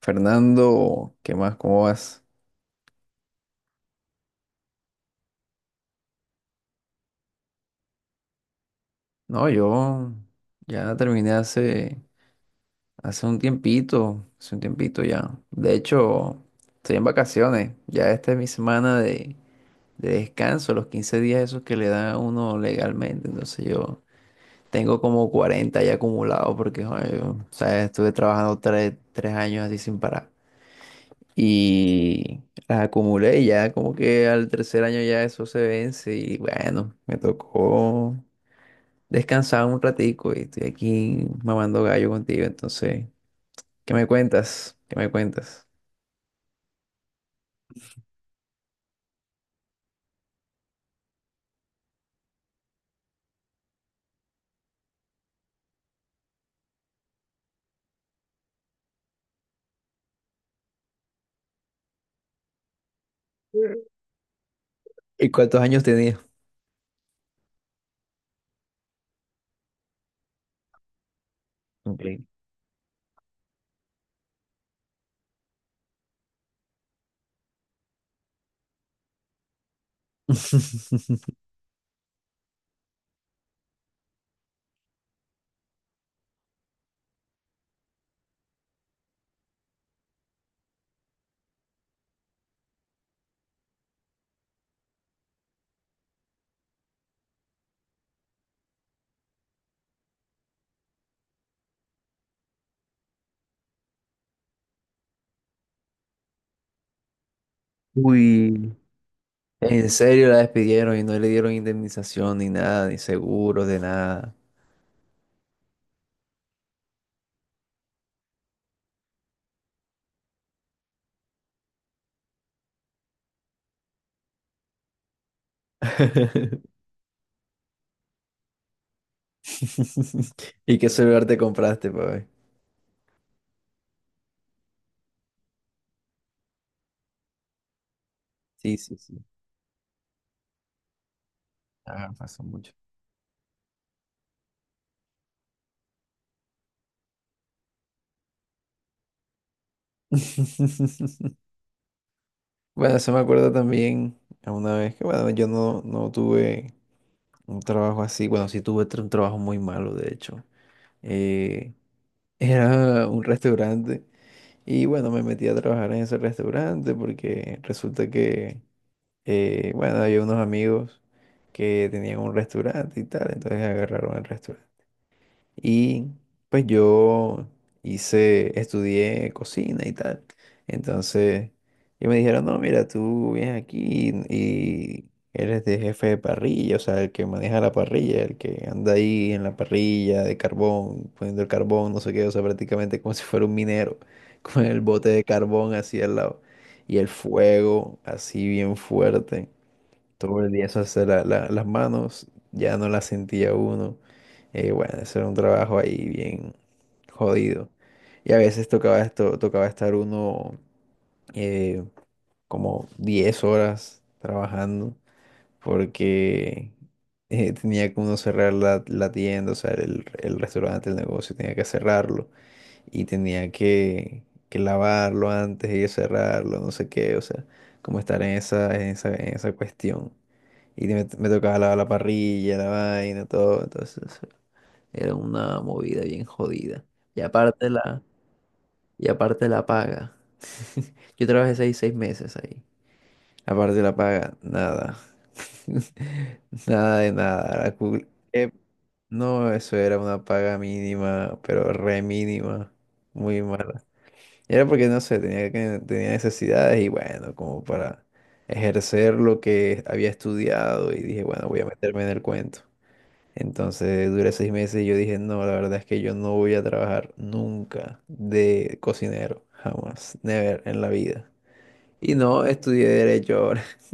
Fernando, ¿qué más? ¿Cómo vas? No, yo ya terminé hace, hace un tiempito ya. De hecho, estoy en vacaciones. Ya esta es mi semana de descanso, los 15 días esos que le da a uno legalmente. Entonces yo tengo como 40 ya acumulados porque, joder, yo, o sea, estuve trabajando tres años así sin parar. Y las acumulé y ya como que al tercer año ya eso se vence y bueno, me tocó descansaba un ratico y estoy aquí mamando gallo contigo. Entonces, ¿qué me cuentas? ¿Qué me cuentas? ¿Y cuántos años tenía? Ok. Uy, en serio la despidieron y no le dieron indemnización ni nada, ni seguros de nada. ¿Y qué celular te compraste, papi? Sí, sí, sí. Ah, pasó mucho. Bueno, eso me acuerdo también a una vez que, bueno, yo no, no tuve. Un trabajo así, bueno, sí tuve un trabajo muy malo, de hecho. Eh, era un restaurante y bueno, me metí a trabajar en ese restaurante porque resulta que, bueno, había unos amigos que tenían un restaurante y tal, entonces agarraron el restaurante. Y pues yo hice, estudié cocina y tal. Entonces, y me dijeron, no, mira, tú vienes aquí y eres de jefe de parrilla, o sea, el que maneja la parrilla, el que anda ahí en la parrilla de carbón, poniendo el carbón, no sé qué, o sea, prácticamente como si fuera un minero, con el bote de carbón así al lado y el fuego así bien fuerte. Todo el día eso hacer las manos, ya no las sentía uno. Bueno, eso era un trabajo ahí bien jodido. Y a veces tocaba esto, tocaba estar uno eh, como 10 horas trabajando porque tenía que uno cerrar la tienda, o sea, el restaurante, el negocio, tenía que cerrarlo y tenía que lavarlo antes y cerrarlo, no sé qué, o sea, como estar en esa, en esa, en esa cuestión. Y me tocaba lavar la parrilla, la vaina, todo, entonces era una movida bien jodida. Y aparte la, y aparte la paga. Yo trabajé seis meses ahí. Aparte de la paga, nada. Nada de nada. Eh, no, eso era una paga mínima, pero re mínima. Muy mala. Y era porque, no sé, tenía, tenía necesidades y bueno, como para ejercer lo que había estudiado y dije, bueno, voy a meterme en el cuento. Entonces duré 6 meses y yo dije, no, la verdad es que yo no voy a trabajar nunca de cocinero, jamás, never en la vida. Y no, estudié derecho ahora.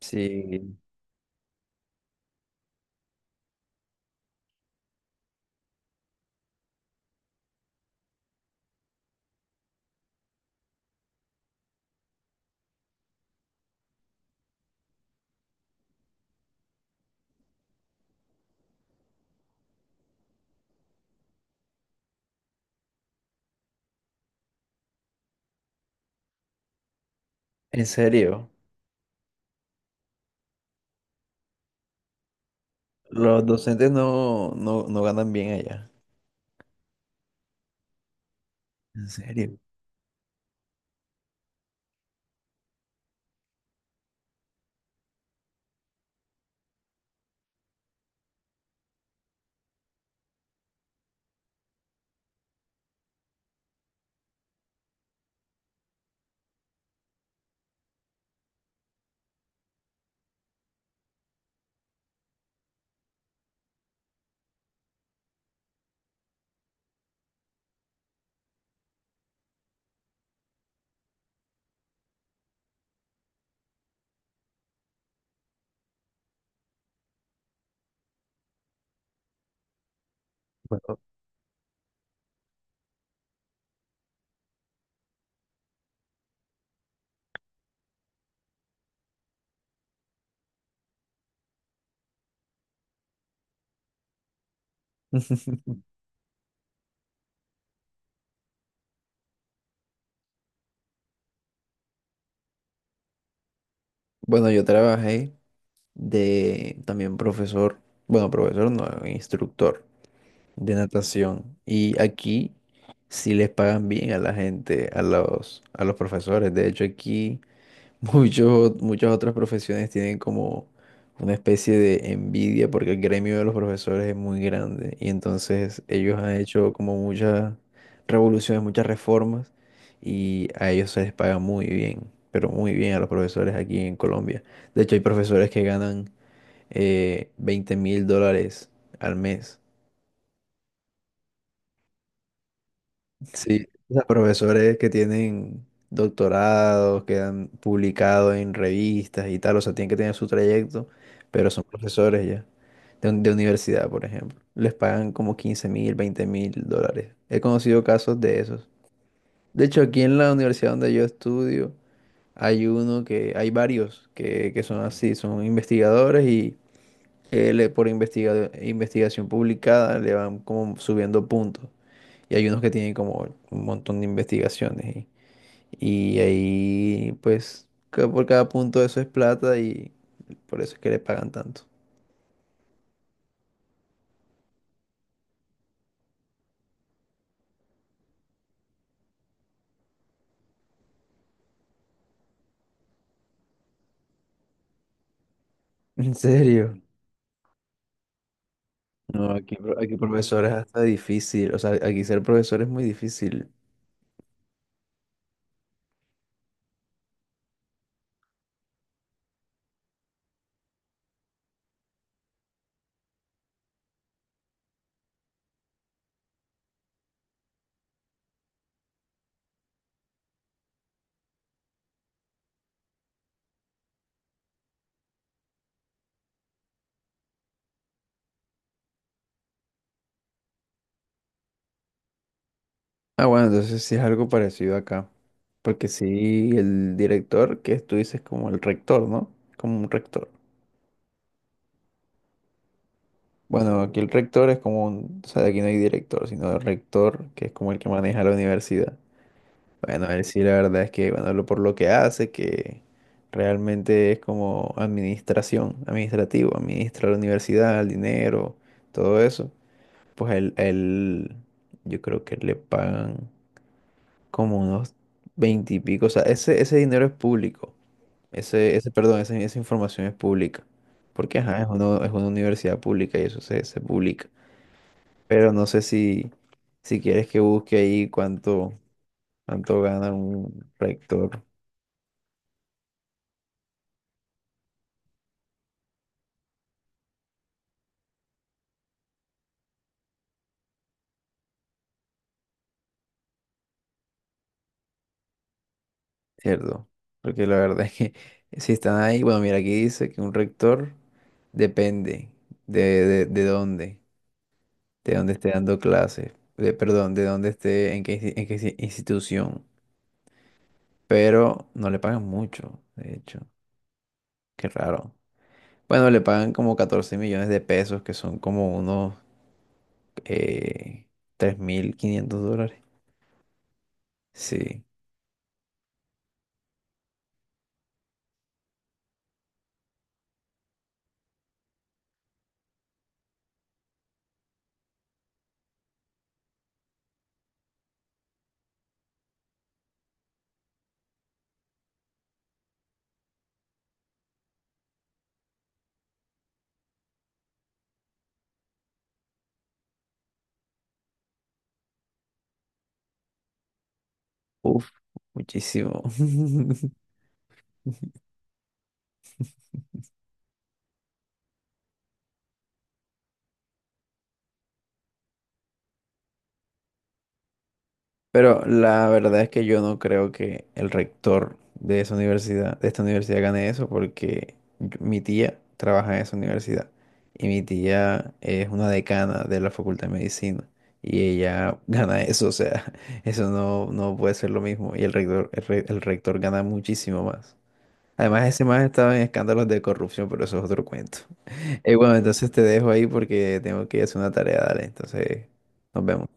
Sí, en serio, los docentes no ganan bien allá. En serio. Bueno, bueno, yo trabajé. De también profesor, bueno, profesor no, instructor de natación. Y aquí sí les pagan bien a la gente, a a los profesores. De hecho, aquí muchos, muchas otras profesiones tienen como una especie de envidia porque el gremio de los profesores es muy grande. Y entonces ellos han hecho como muchas revoluciones, muchas reformas y a ellos se les paga muy bien. Pero muy bien a los profesores aquí en Colombia. De hecho, hay profesores que ganan 20 mil dólares al mes. Sí, o sea, profesores que tienen doctorados, que han publicado en revistas y tal, o sea, tienen que tener su trayecto, pero son profesores ya, de universidad, por ejemplo. Les pagan como 15.000, $20.000. He conocido casos de esos. De hecho, aquí en la universidad donde yo estudio, hay uno que, hay varios que son así, son investigadores investigación publicada le van como subiendo puntos. Y hay unos que tienen como un montón de investigaciones. Y ahí, pues, por cada punto eso es plata y por eso es que le pagan tanto. ¿En serio? No, aquí, aquí profesor es hasta difícil. O sea, aquí ser profesor es muy difícil. Ah, bueno, entonces sí es algo parecido acá. Porque sí, el director, que tú dices como el rector, ¿no? Como un rector. Bueno, aquí el rector es como un, o sea, aquí no hay director, sino el rector, que es como el que maneja la universidad. Bueno, él sí, la verdad es que, bueno, por lo que hace, que realmente es como administración, administrativo, administra la universidad, el dinero, todo eso. Pues yo creo que le pagan como unos 20 y pico. O sea, ese dinero es público, esa información es pública, porque ajá, es una universidad pública y eso se publica. Pero no sé si, si quieres que busque ahí cuánto, cuánto gana un rector, ¿cierto? Porque la verdad es que si están ahí, bueno, mira, aquí dice que un rector depende de, de, de dónde, de dónde esté dando clases, de, perdón, de dónde esté, en qué, institución. Pero no le pagan mucho, de hecho, qué raro. Bueno, le pagan como 14 millones de pesos, que son como unos eh, $3.500. Sí. Uf, muchísimo. Pero la verdad es que yo no creo que el rector de esa universidad, de esta universidad gane eso porque mi tía trabaja en esa universidad y mi tía es una decana de la Facultad de Medicina y ella gana eso, o sea, eso no, no puede ser lo mismo y el rector, el rector gana muchísimo más. Además, ese más estaba en escándalos de corrupción, pero eso es otro cuento. Bueno, entonces te dejo ahí porque tengo que ir a hacer una tarea, dale. Entonces, nos vemos.